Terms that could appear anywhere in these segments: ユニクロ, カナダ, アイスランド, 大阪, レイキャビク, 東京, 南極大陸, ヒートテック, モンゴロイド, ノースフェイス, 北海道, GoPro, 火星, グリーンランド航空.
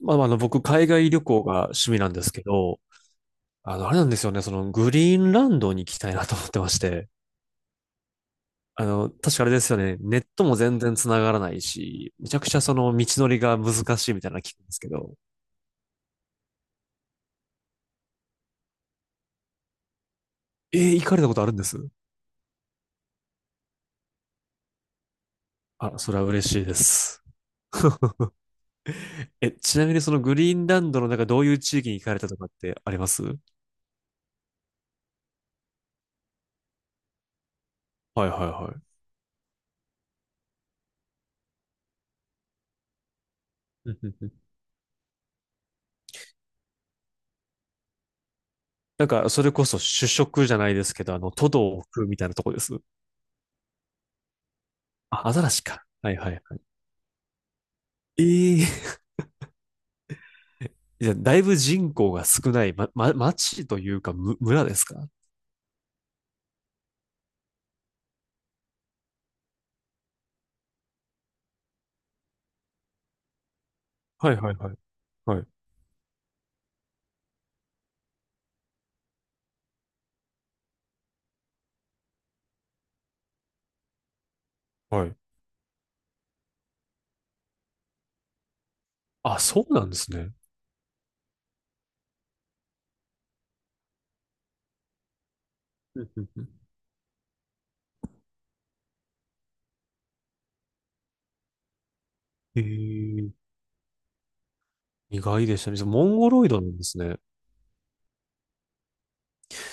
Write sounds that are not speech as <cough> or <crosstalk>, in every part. まあ、僕、海外旅行が趣味なんですけど、あれなんですよね。グリーンランドに行きたいなと思ってまして、確かあれですよね。ネットも全然繋がらないし、めちゃくちゃ道のりが難しいみたいなの聞くんですけど、行かれたことあるんです？あ、それは嬉しいです。<laughs> え、ちなみにそのグリーンランドの中どういう地域に行かれたとかってあります？はい、はい、はい。<laughs> うんうんうん。なんか、それこそ主食じゃないですけど、トドを食うみたいなとこです。あ、アザラシか。はいはいはい。ええ。じゃあ、だいぶ人口が少ない、町というか、村ですか？はいはいはい。はい。はい。あ、そうなんですね。うんうんうん。へえ、意外でしたね。じゃあ、モンゴロイドなんですね。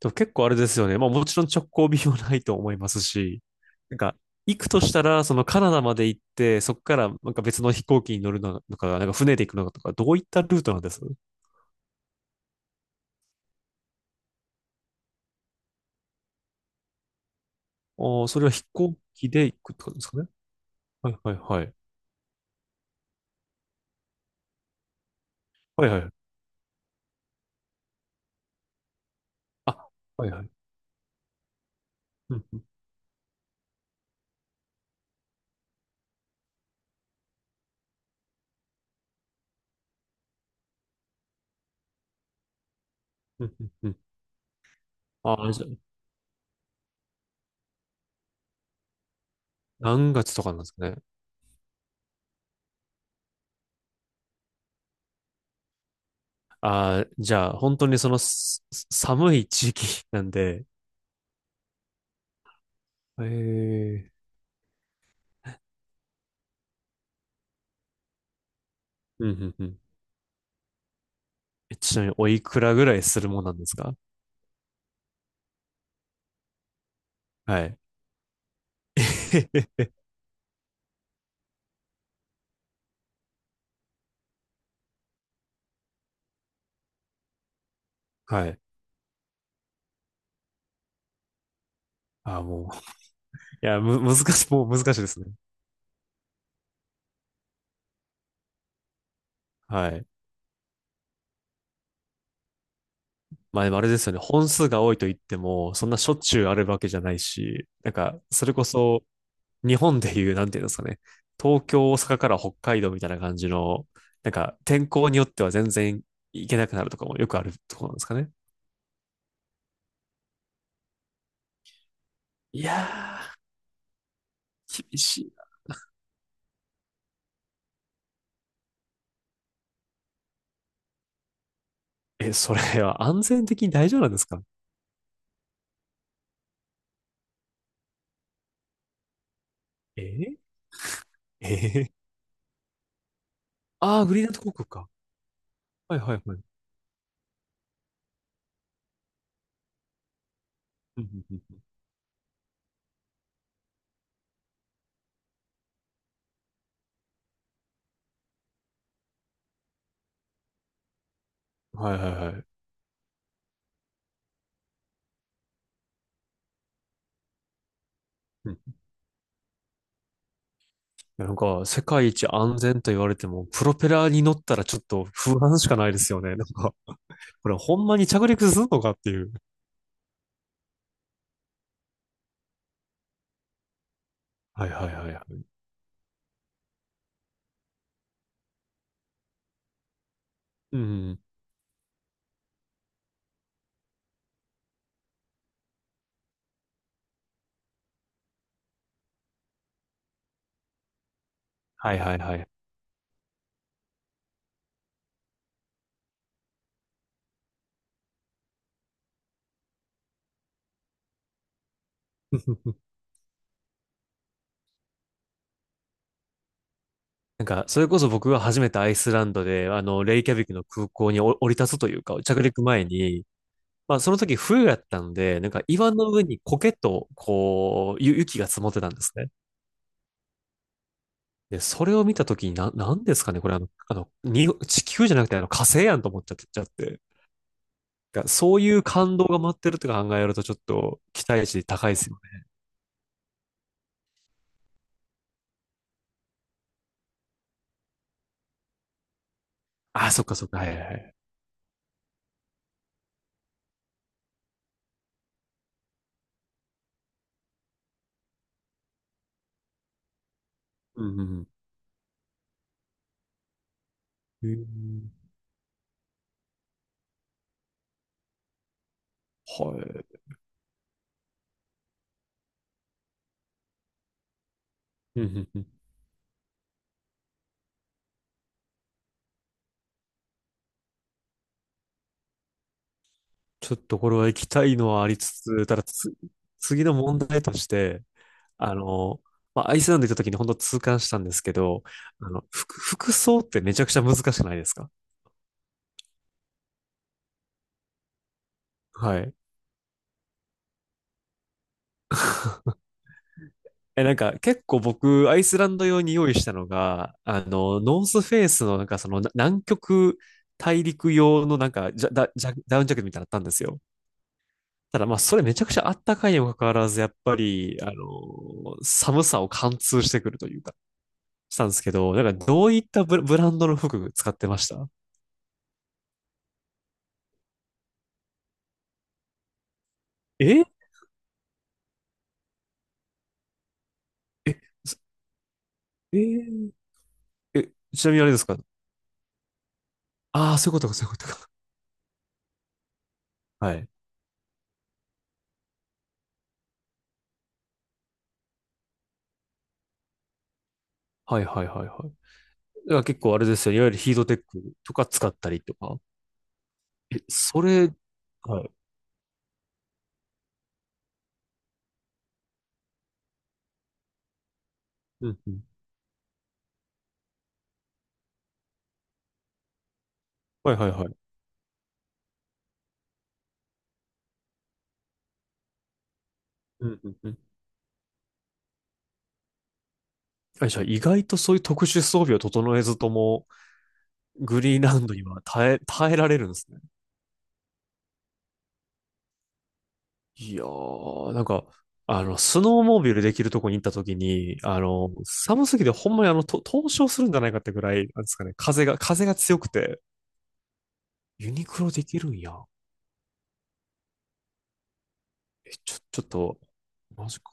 でも結構あれですよね。まあ、もちろん直行便はないと思いますし、なんか、行くとしたら、そのカナダまで行って、そこからなんか別の飛行機に乗るのか、なんか船で行くのかとか、どういったルートなんです？ああ、それは飛行機で行くってことですかね。はいはいはい。はいはい。あ、はいはい。うんうんうんうん。ああ、じゃあ、何月とかなんですかね。ああ、じゃあ、本当にその寒い地域なんで、ええ。うんうんうん。ちなみに、おいくらぐらいするもんなんですか？はい。<laughs> はい。ああ、もう。いや、難しい、もう難しいですね。はい。まあ、でもあれですよね。本数が多いと言っても、そんなしょっちゅうあるわけじゃないし、なんか、それこそ、日本でいう、なんていうんですかね、東京、大阪から北海道みたいな感じの、なんか天候によっては全然行けなくなるとかもよくあるところなんですかね。いやー、厳しい。え、それは安全的に大丈夫なんですか？えええあ、 <laughs> あー、グリーンランド航空か。はいはいはい。うんうんうんうん。はいはいはい。うん。いや、なんか、世界一安全と言われても、プロペラに乗ったらちょっと不安しかないですよね。なんか、これほんまに着陸するのかっていう。はいはいはいはい。うん。はいはいはい。<laughs> なんか、それこそ僕が初めてアイスランドで、レイキャビクの空港にお降り立つというか、着陸前に、まあ、その時冬やったんで、なんか岩の上に苔と、雪が積もってたんですね。で、それを見た時に、なんですかね、これ地球じゃなくて、火星やんと思っちゃって。がそういう感動が待ってるって考えると、ちょっと期待値高いですよね。あ、そっかそっか、はいはいはい。うんうんうん。へー。はい。うんうんうん。ちょっとこれは行きたいのはありつつ、ただ次の問題として、あの、まあ、アイスランド行った時に本当痛感したんですけど、服装ってめちゃくちゃ難しくないですか？はい。<laughs> え、なんか結構僕、アイスランド用に用意したのが、ノースフェイスのなんかその南極大陸用のなんかジャ、ダ、ジャ、ダウンジャケットみたいなのあったんですよ。ただ、まあ、それめちゃくちゃあったかいにもかかわらず、やっぱり、寒さを貫通してくるというかしたんですけど、なんかどういったブランドの服使ってました？えすえーえ、ちなみにあれですか？ああー、そういうことか、そういうことか。はい。はいはいはいはい。だから結構あれですよね。いわゆるヒートテックとか使ったりとか。え、それ、はい。うんうん。はいはいはい。うんうんうん。あ、じゃあ、意外とそういう特殊装備を整えずとも、グリーンランドには耐えられるんですね。いやー、なんか、スノーモービルできるとこに行った時に、寒すぎてほんまに凍傷するんじゃないかってぐらい、なんですかね、風が強くて、ユニクロできるんや。え、ちょっと、マジか。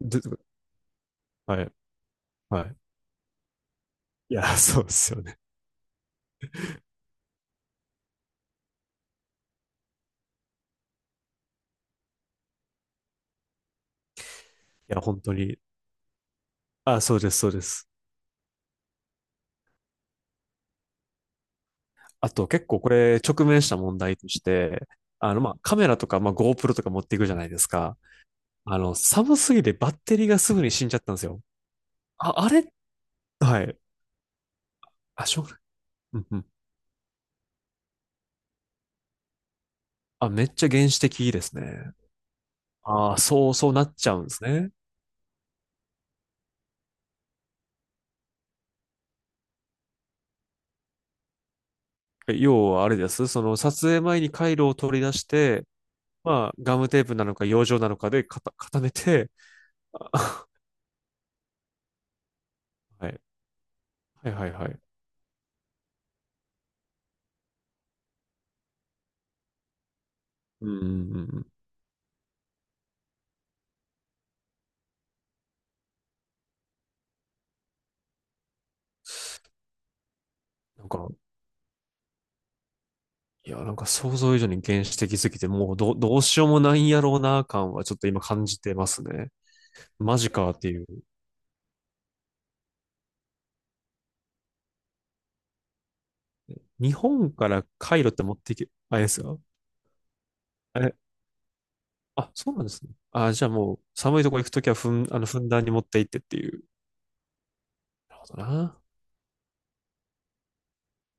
で、はい、はい。いや、そうですよね。いや、本当に。あ、そうです、そうです。あと、結構これ、直面した問題として、まあ、カメラとか、まあ、GoPro とか持っていくじゃないですか。寒すぎてバッテリーがすぐに死んじゃったんですよ。あ、あれ、はい。あ、しょうがない。うん。あ、めっちゃ原始的ですね。ああ、そう、そうなっちゃうんですね。要はあれです。その撮影前に回路を取り出して、まあ、ガムテープなのか、養生なのかで固めて、あ、 <laughs> はい、はいはいはい。うんうんうんうん。なんか、いや、なんか想像以上に原始的すぎて、もうどうしようもないんやろうな感はちょっと今感じてますね。マジかっていう。日本から回路って持っていけ、あれですか？あれ、あ、そうなんですね。あ、じゃあもう寒いとこ行くときはふんだんに持って行ってっていう。なるほどな。